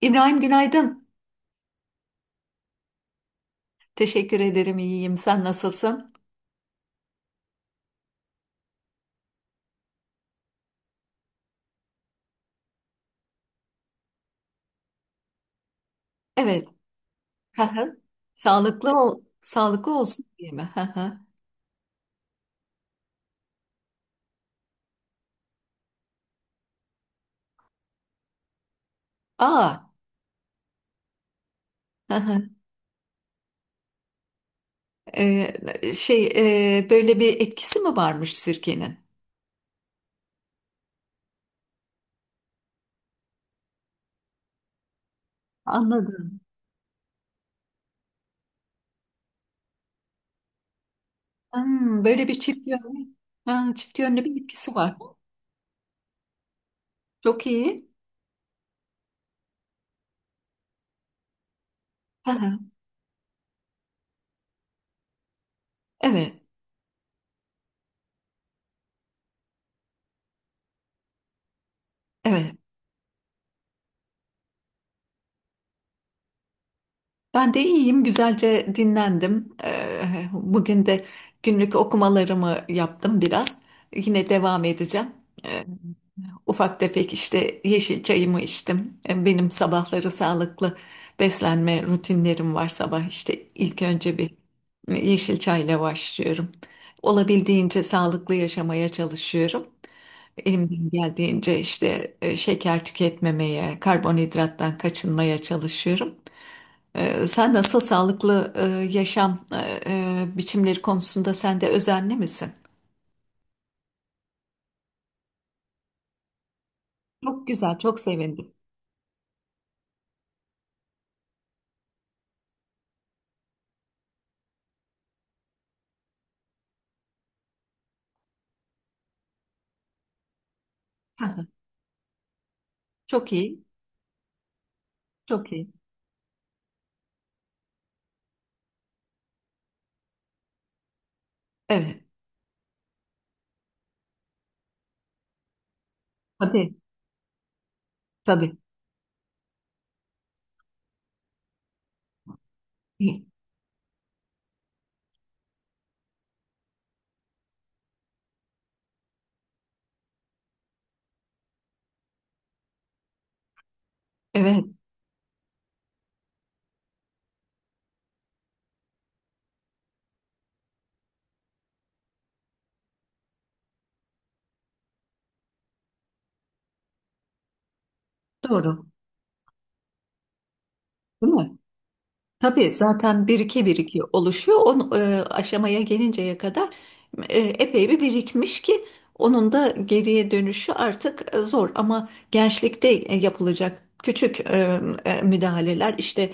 İbrahim günaydın. Teşekkür ederim, iyiyim. Sen nasılsın? Evet. Hı hı. Sağlıklı ol, sağlıklı olsun diye mi? Hı hı. Aa. Hı hı. Ee, şey Böyle bir etkisi mi varmış sirkenin? Anladım. Hmm, böyle bir çift yönlü, ha, çift yönlü bir etkisi var. Çok iyi. Hı hı. Evet, evet. Ben de iyiyim. Güzelce dinlendim. Bugün de günlük okumalarımı yaptım biraz. Yine devam edeceğim. Ee, Ufak tefek işte yeşil çayımı içtim. Benim sabahları sağlıklı beslenme rutinlerim var sabah. İşte ilk önce bir yeşil çayla başlıyorum. Olabildiğince sağlıklı yaşamaya çalışıyorum. Elimden geldiğince işte şeker tüketmemeye, karbonhidrattan kaçınmaya çalışıyorum. Sen nasıl sağlıklı yaşam e, biçimleri konusunda sen de özenli misin? Çok güzel, çok sevindim. Çok iyi, çok iyi. Evet. Tabii. Tabii. Evet, doğru. Değil mi? Tabii zaten birike birike oluşuyor. O aşamaya gelinceye kadar epey bir birikmiş ki onun da geriye dönüşü artık zor. Ama gençlikte yapılacak küçük müdahaleler işte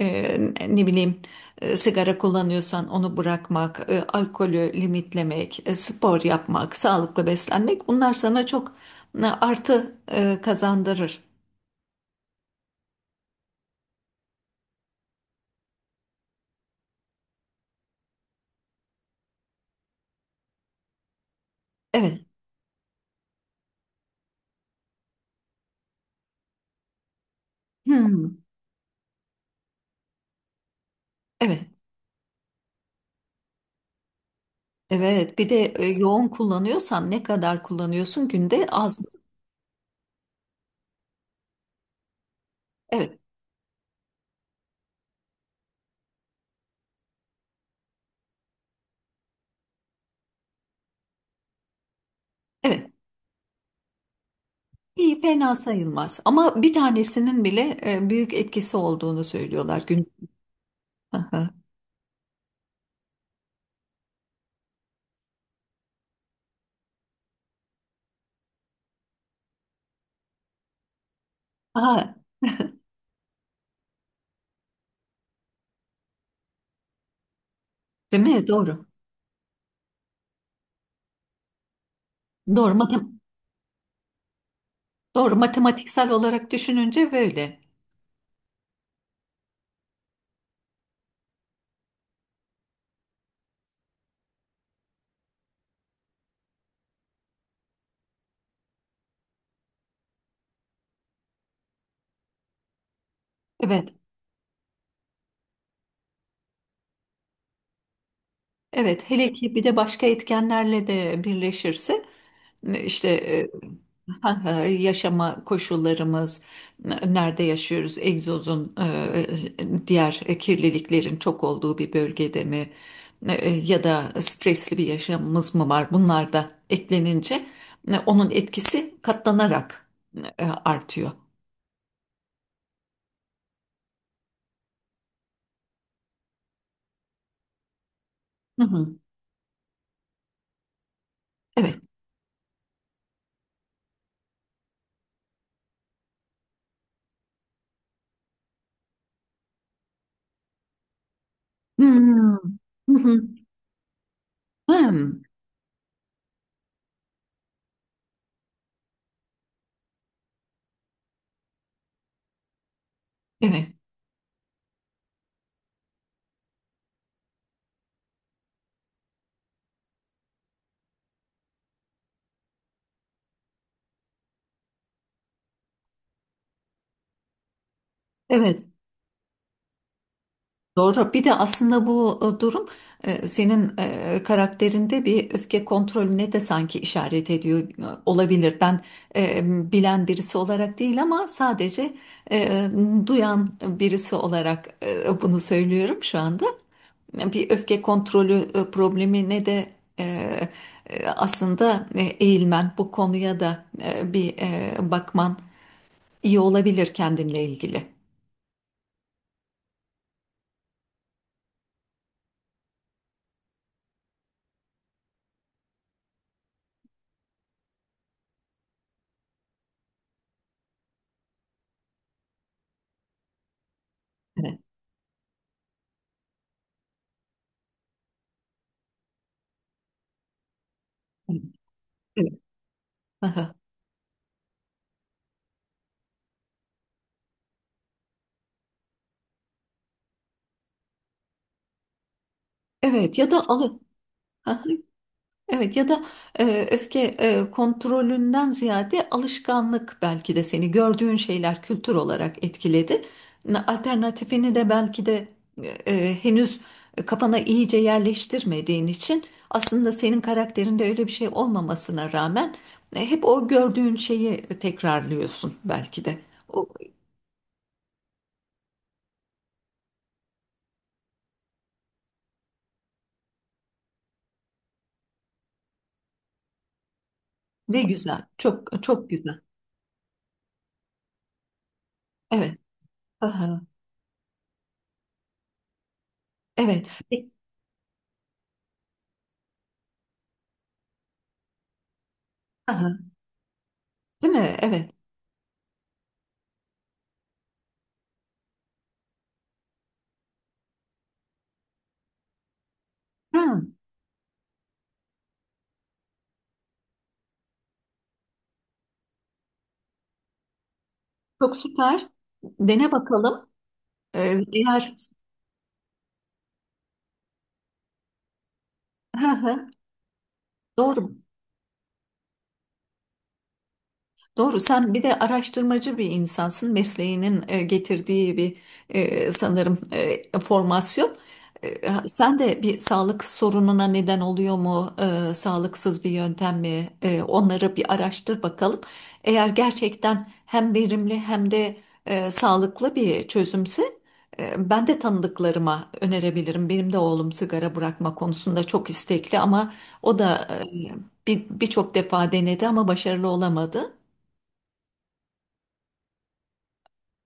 e, ne bileyim sigara kullanıyorsan onu bırakmak, alkolü limitlemek, spor yapmak, sağlıklı beslenmek bunlar sana çok artı kazandırır. Evet. Hmm. Evet, evet. Bir de yoğun kullanıyorsan ne kadar kullanıyorsun günde az. Evet, evet. İyi, fena sayılmaz. Ama bir tanesinin bile büyük etkisi olduğunu söylüyorlar gün. Aha. Aha, değil mi? Doğru. Doğru. Matem doğru. Matematiksel olarak düşününce böyle. Evet. Evet, hele ki bir de başka etkenlerle de birleşirse işte ha, ha, yaşama koşullarımız, n- nerede yaşıyoruz, egzozun, diğer kirliliklerin çok olduğu bir bölgede mi? Ya da stresli bir yaşamımız mı var? Bunlar da eklenince onun etkisi katlanarak artıyor. Hı hı. Evet. Hmm. Hı hı. Hmm. Evet. Evet. Doğru. Bir de aslında bu durum senin karakterinde bir öfke kontrolüne de sanki işaret ediyor, olabilir. Ben bilen birisi olarak değil ama sadece e, duyan birisi olarak bunu söylüyorum şu anda. Bir öfke kontrolü problemine de e, aslında eğilmen, bu konuya da bir bakman iyi olabilir kendinle ilgili. Evet. Evet. Evet. Aha. Evet ya da alı. Evet ya da öfke kontrolünden ziyade alışkanlık, belki de seni gördüğün şeyler kültür olarak etkiledi. Alternatifini de belki de henüz kafana iyice yerleştirmediğin için aslında senin karakterinde öyle bir şey olmamasına rağmen hep o gördüğün şeyi tekrarlıyorsun belki de. O, ne güzel, çok çok güzel. Evet, aha, evet, peki, aha, değil mi? Evet, ha, çok süper. Dene bakalım. Eğer Hı hı, doğru. Doğru, sen bir de araştırmacı bir insansın. Mesleğinin getirdiği bir sanırım formasyon. Ha- sen de bir sağlık sorununa neden oluyor mu? Sağlıksız bir yöntem mi? Onları bir araştır bakalım. Eğer gerçekten hem verimli hem de sağlıklı bir çözümse ben de tanıdıklarıma önerebilirim. Benim de oğlum sigara bırakma konusunda çok istekli ama o da bir- birçok defa denedi ama başarılı olamadı.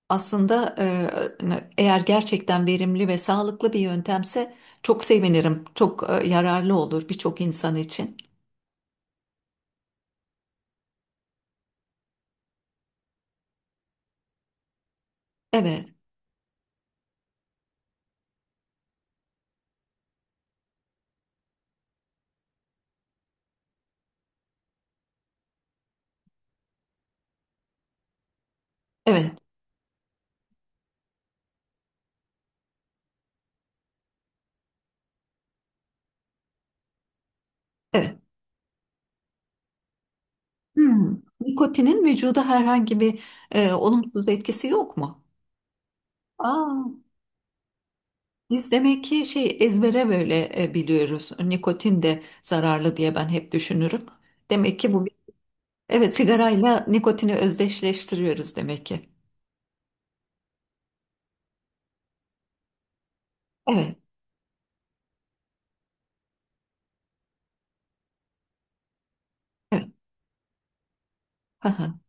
Aslında eğer gerçekten verimli ve sağlıklı bir yöntemse çok sevinirim. Çok yararlı olur birçok insan için. Evet, evet, evet. Hmm. Nikotinin vücuda herhangi bir olumsuz etkisi yok mu? Aa, biz demek ki şey ezbere böyle biliyoruz. Nikotin de zararlı diye ben hep düşünürüm. Demek ki bu evet, sigarayla nikotini özdeşleştiriyoruz demek ki. Evet, evet.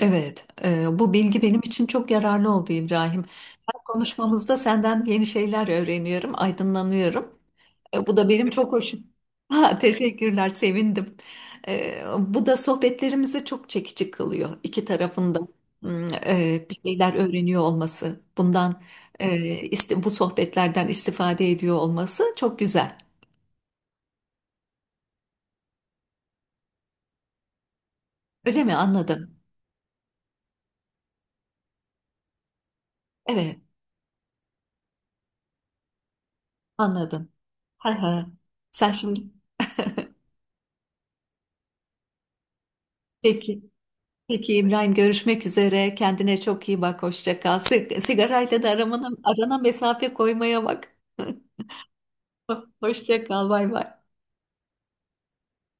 Evet, bu bilgi benim için çok yararlı oldu İbrahim. Bu konuşmamızda senden yeni şeyler öğreniyorum, aydınlanıyorum. Bu da benim çok hoşum. Ha, teşekkürler, sevindim. Bu da sohbetlerimizi çok çekici kılıyor iki tarafında. Bir şeyler öğreniyor olması, bundan e, iste- bu sohbetlerden istifade ediyor olması çok güzel. Öyle mi? Anladım. Evet, anladım. Ha ha. Sen şimdi peki. Peki İbrahim, görüşmek üzere. Kendine çok iyi bak. Hoşça kal. Sig- sigarayla da aramana, arana mesafe koymaya bak. Hoşça kal. Bay bay.